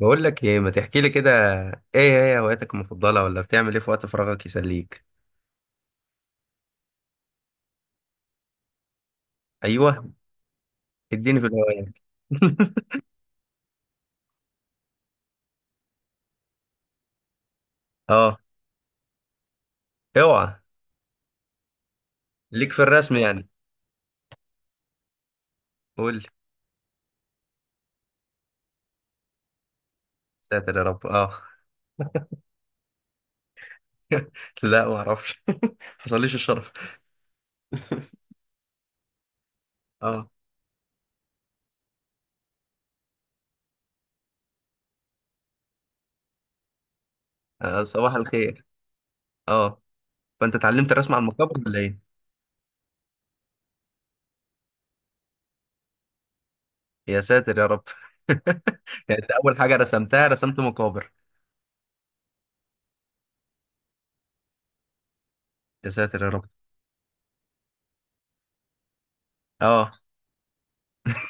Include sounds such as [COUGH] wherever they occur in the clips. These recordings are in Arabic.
بقول لك ايه، ما تحكي لي كده؟ ايه هي هواياتك المفضله، ولا بتعمل ايه في وقت فراغك يسليك؟ ايوه، اديني في الهوايات. [LAUGHS] اه. اوعى. ليك في الرسم يعني؟ قول لي. ساتر يا رب، اه. [LAUGHS] لا، ما اعرفش. [LAUGHS] حصليش الشرف. [LAUGHS] اه، آه، صباح الخير. اه. فانت اتعلمت الرسم على المقابر ولا ايه؟ يا ساتر يا رب. [LAUGHS] يعني انت اول حاجه رسمتها رسمت مقابر؟ يا ساتر يا رب. اه.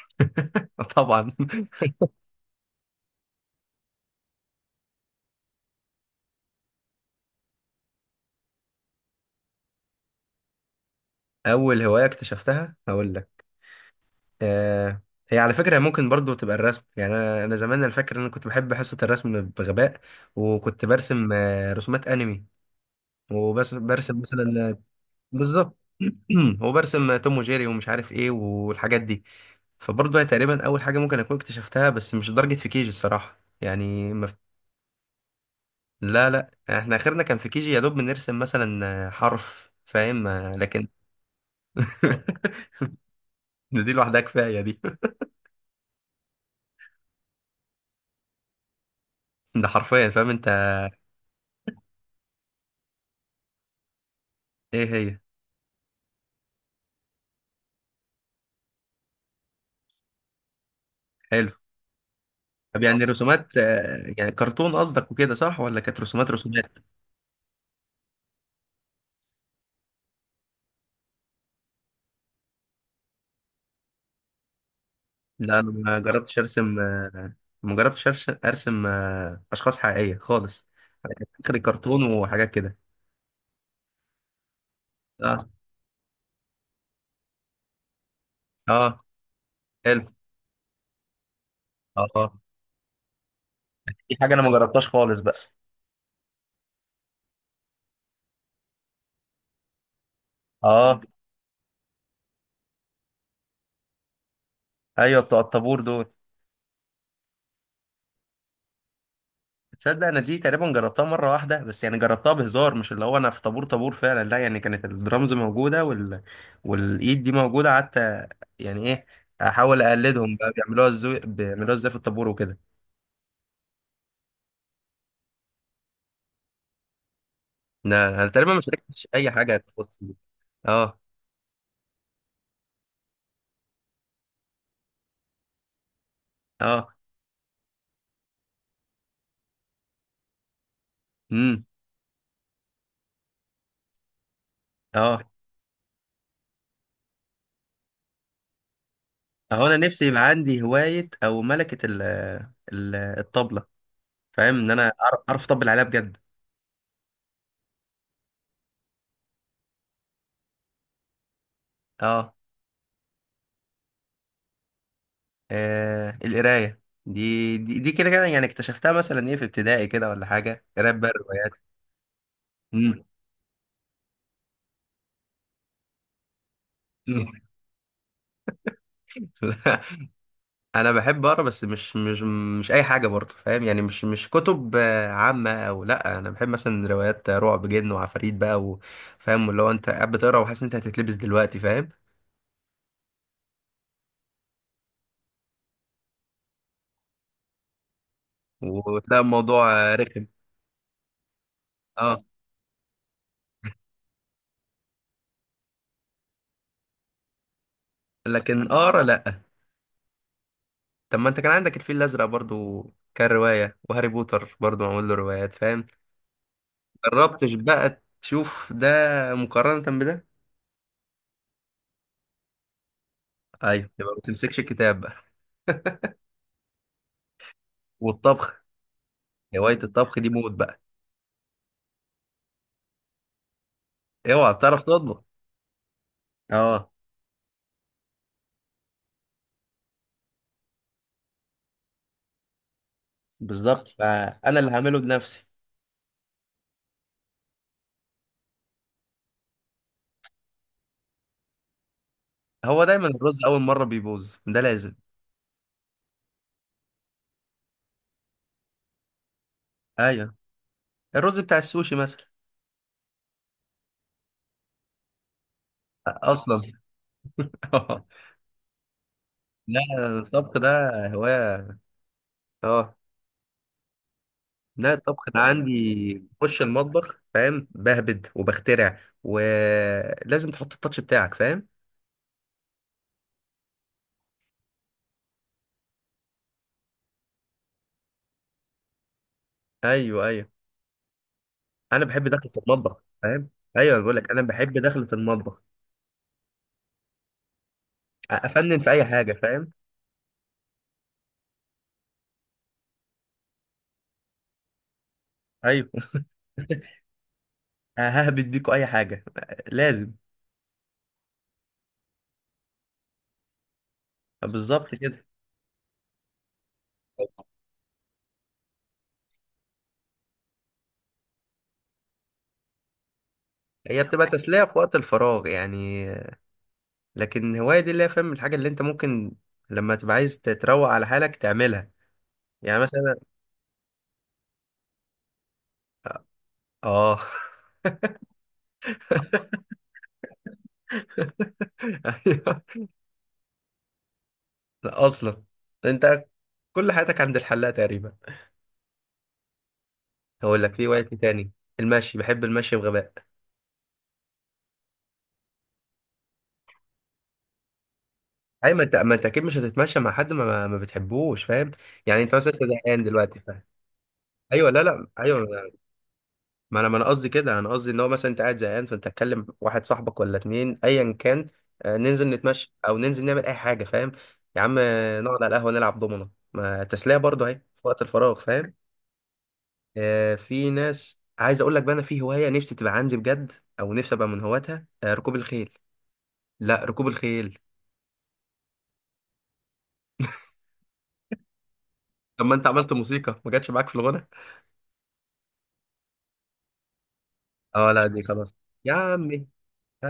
[LAUGHS] طبعا. اول هوايه اكتشفتها هقول لك. آه. هي على فكرة ممكن برضو تبقى الرسم، يعني أنا زمان، أنا فاكر إن أنا كنت بحب حصة الرسم بغباء. وكنت برسم رسومات أنمي. وبس برسم مثلا بالظبط. [CLEARS THROAT] وبرسم توم وجيري ومش عارف إيه والحاجات دي. فبرضو هي تقريبا أول حاجة ممكن أكون اكتشفتها، بس مش لدرجة في كيجي الصراحة، يعني لا لا، إحنا آخرنا كان في كيجي، يا دوب بنرسم مثلا حرف، فاهم؟ لكن. [LAUGHS] ده، دي لوحدها كفاية دي. [LAUGHS] ده حرفيا، فاهم أنت؟ إيه هي؟ حلو. طب يعني رسومات يعني كرتون قصدك وكده صح، ولا كانت رسومات رسومات؟ لا، انا ما جربتش ارسم ما جربتش ارسم اشخاص حقيقيه خالص. اخر كرتون وحاجات كده. اه. اه. حلو. اه، آه. دي حاجه انا ما جربتهاش خالص بقى. اه. ايوه، بتوع الطابور دول. تصدق، انا دي تقريبا جربتها مره واحده، بس يعني جربتها بهزار، مش اللي هو انا في طابور طابور فعلا، لا يعني كانت الدرامز موجوده والايد دي موجوده، قعدت. يعني ايه؟ احاول اقلدهم بقى، بيعملوها ازاي، بيعملوها ازاي في الطابور وكده. انا تقريبا ما شاركتش اي حاجه تخص دي. اه. اه. امم. اه. اهو، انا نفسي يبقى عندي هوايه او ملكه الطبله. فاهم ان انا أعرف اطبل عليها بجد. اه. آه، القراية دي كده كده، يعني اكتشفتها مثلا ايه، في ابتدائي كده ولا حاجة، قراية بقى الروايات. مم. [LAUGHS] انا بحب اقرا، بس مش. مش اي حاجة برضه، فاهم يعني؟ مش كتب عامة، او لا، انا بحب مثلا روايات رعب، جن وعفاريت بقى، وفاهم اللي هو انت قاعد بتقرا وحاسس ان انت هتتلبس دلوقتي، فاهم؟ وتلاقي الموضوع رخم. اه. لكن اقرا، لا. طب ما انت كان عندك الفيل الازرق برضه. كان رواية، وهاري بوتر برضه معمول له روايات، فاهم؟ جربتش بقى تشوف ده؟ مقارنة بده. ايوه، يبقى ما تمسكش الكتاب بقى. والطبخ. هواية الطبخ دي موت بقى. اوعى، بتعرف تطبخ؟ اه. بالظبط، فانا اللي هعمله بنفسي. هو دايما الرز اول مرة بيبوظ ده، لازم. ايوه. الرز بتاع السوشي مثلا. اصلا. [LAUGHS] لا. الطبخ ده هواية. اه. لا، الطبخ انا عندي بخش المطبخ، فاهم؟ بهبد وبخترع، ولازم تحط التاتش بتاعك، فاهم؟ ايوه، ايوه. انا بحب دخل في المطبخ، فاهم؟ ايوه، أنا بقول لك انا بحب دخل في المطبخ. افنن في اي حاجه، فاهم؟ ايوه. [LAUGHS] ههبد، بيكوا اي حاجه. لازم. بالظبط كده. هي بتبقى تسليه في وقت الفراغ يعني. لكن هوايه دي، اللي هي فاهم الحاجه اللي انت ممكن لما تبقى عايز تتروق على حالك تعملها. يعني مثلا. اه. [LAUGHS] ايوه. لا، اصلا انت كل حياتك عند الحلاق تقريبا. هقول لك في هوايه إيه تاني. المشي، بحب المشي بغباء. ايوه، ما انت اكيد مش هتتمشى مع حد ما بتحبوش، فاهم؟ يعني انت مثلا، انت زهقان دلوقتي، فاهم؟ ايوه، لا لا، ايوه. ما انا قصدي كده، انا قصدي ان هو مثلا انت قاعد زهقان فانت تكلم واحد صاحبك ولا اتنين ايا كان. ننزل نتمشى او ننزل نعمل اي حاجه، فاهم؟ يا عم، نقعد على القهوه نلعب دومنه، ما تسليه برضه اهي في وقت الفراغ، فاهم؟ في ناس، عايز اقول لك بقى، انا في هوايه نفسي تبقى عندي بجد، او نفسي ابقى من هواتها ركوب الخيل. لا، ركوب الخيل. طب ما انت عملت موسيقى، ما جاتش معاك في الغنى؟ اه، لا، دي خلاص. يا عمي. أ-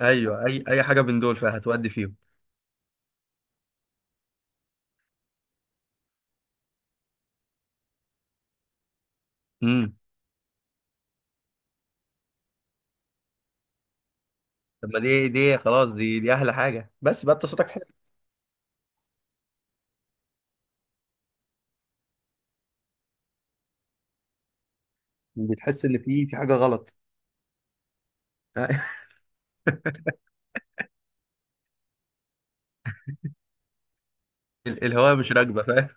ايوه، اي حاجه من دول فهتودي فيهم. امم. طب ما دي خلاص، دي احلى حاجه، بس بقى انت صوتك حلو. بتحس ان في حاجه غلط؟ [LAUGHS] الهواء مش راكبه، فاهم؟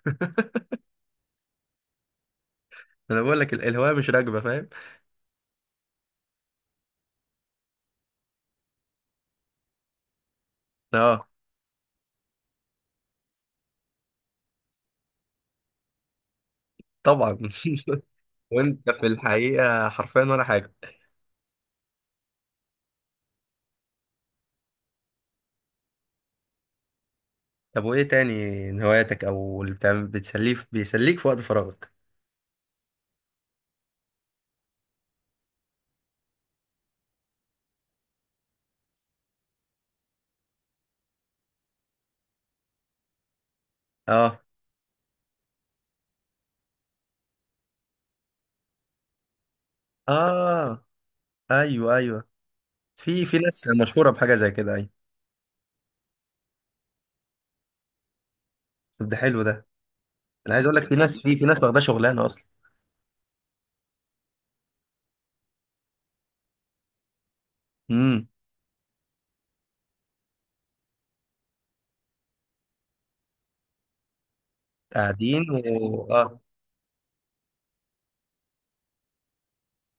[LAUGHS] انا بقول لك الهواء مش راكبه، فاهم؟ اه، طبعا. [LAUGHS] وانت في الحقيقه حرفيا ولا حاجه. طب وايه تاني؟ من هواياتك او اللي بتعمل بتسليه، بيسليك في وقت فراغك؟ اه. اه. ايوه، ايوه. في ناس مشهوره بحاجه زي كده، ايوه. طب ده حلو ده. انا عايز اقول لك في ناس، في ناس واخده شغلانه اصلا. امم. قاعدين اه.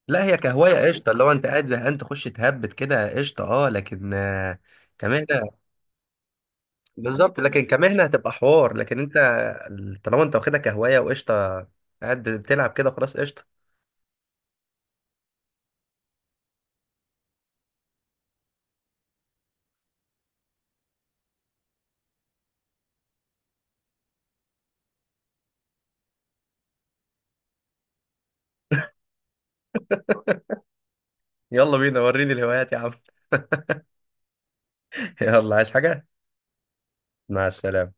لا، هي كهوايه قشطه، اللي هو انت قاعد زهقان تخش تهبد كده قشطه، اه لكن كمهنه. بالظبط، لكن كمهنه هتبقى حوار، لكن انت طالما انت واخدها كهوايه وقشطه، قاعد بتلعب كده خلاص قشطه. يلا بينا، وريني الهوايات يا عم. [LAUGHS] يلا، عايز حاجه؟ مع السلامه.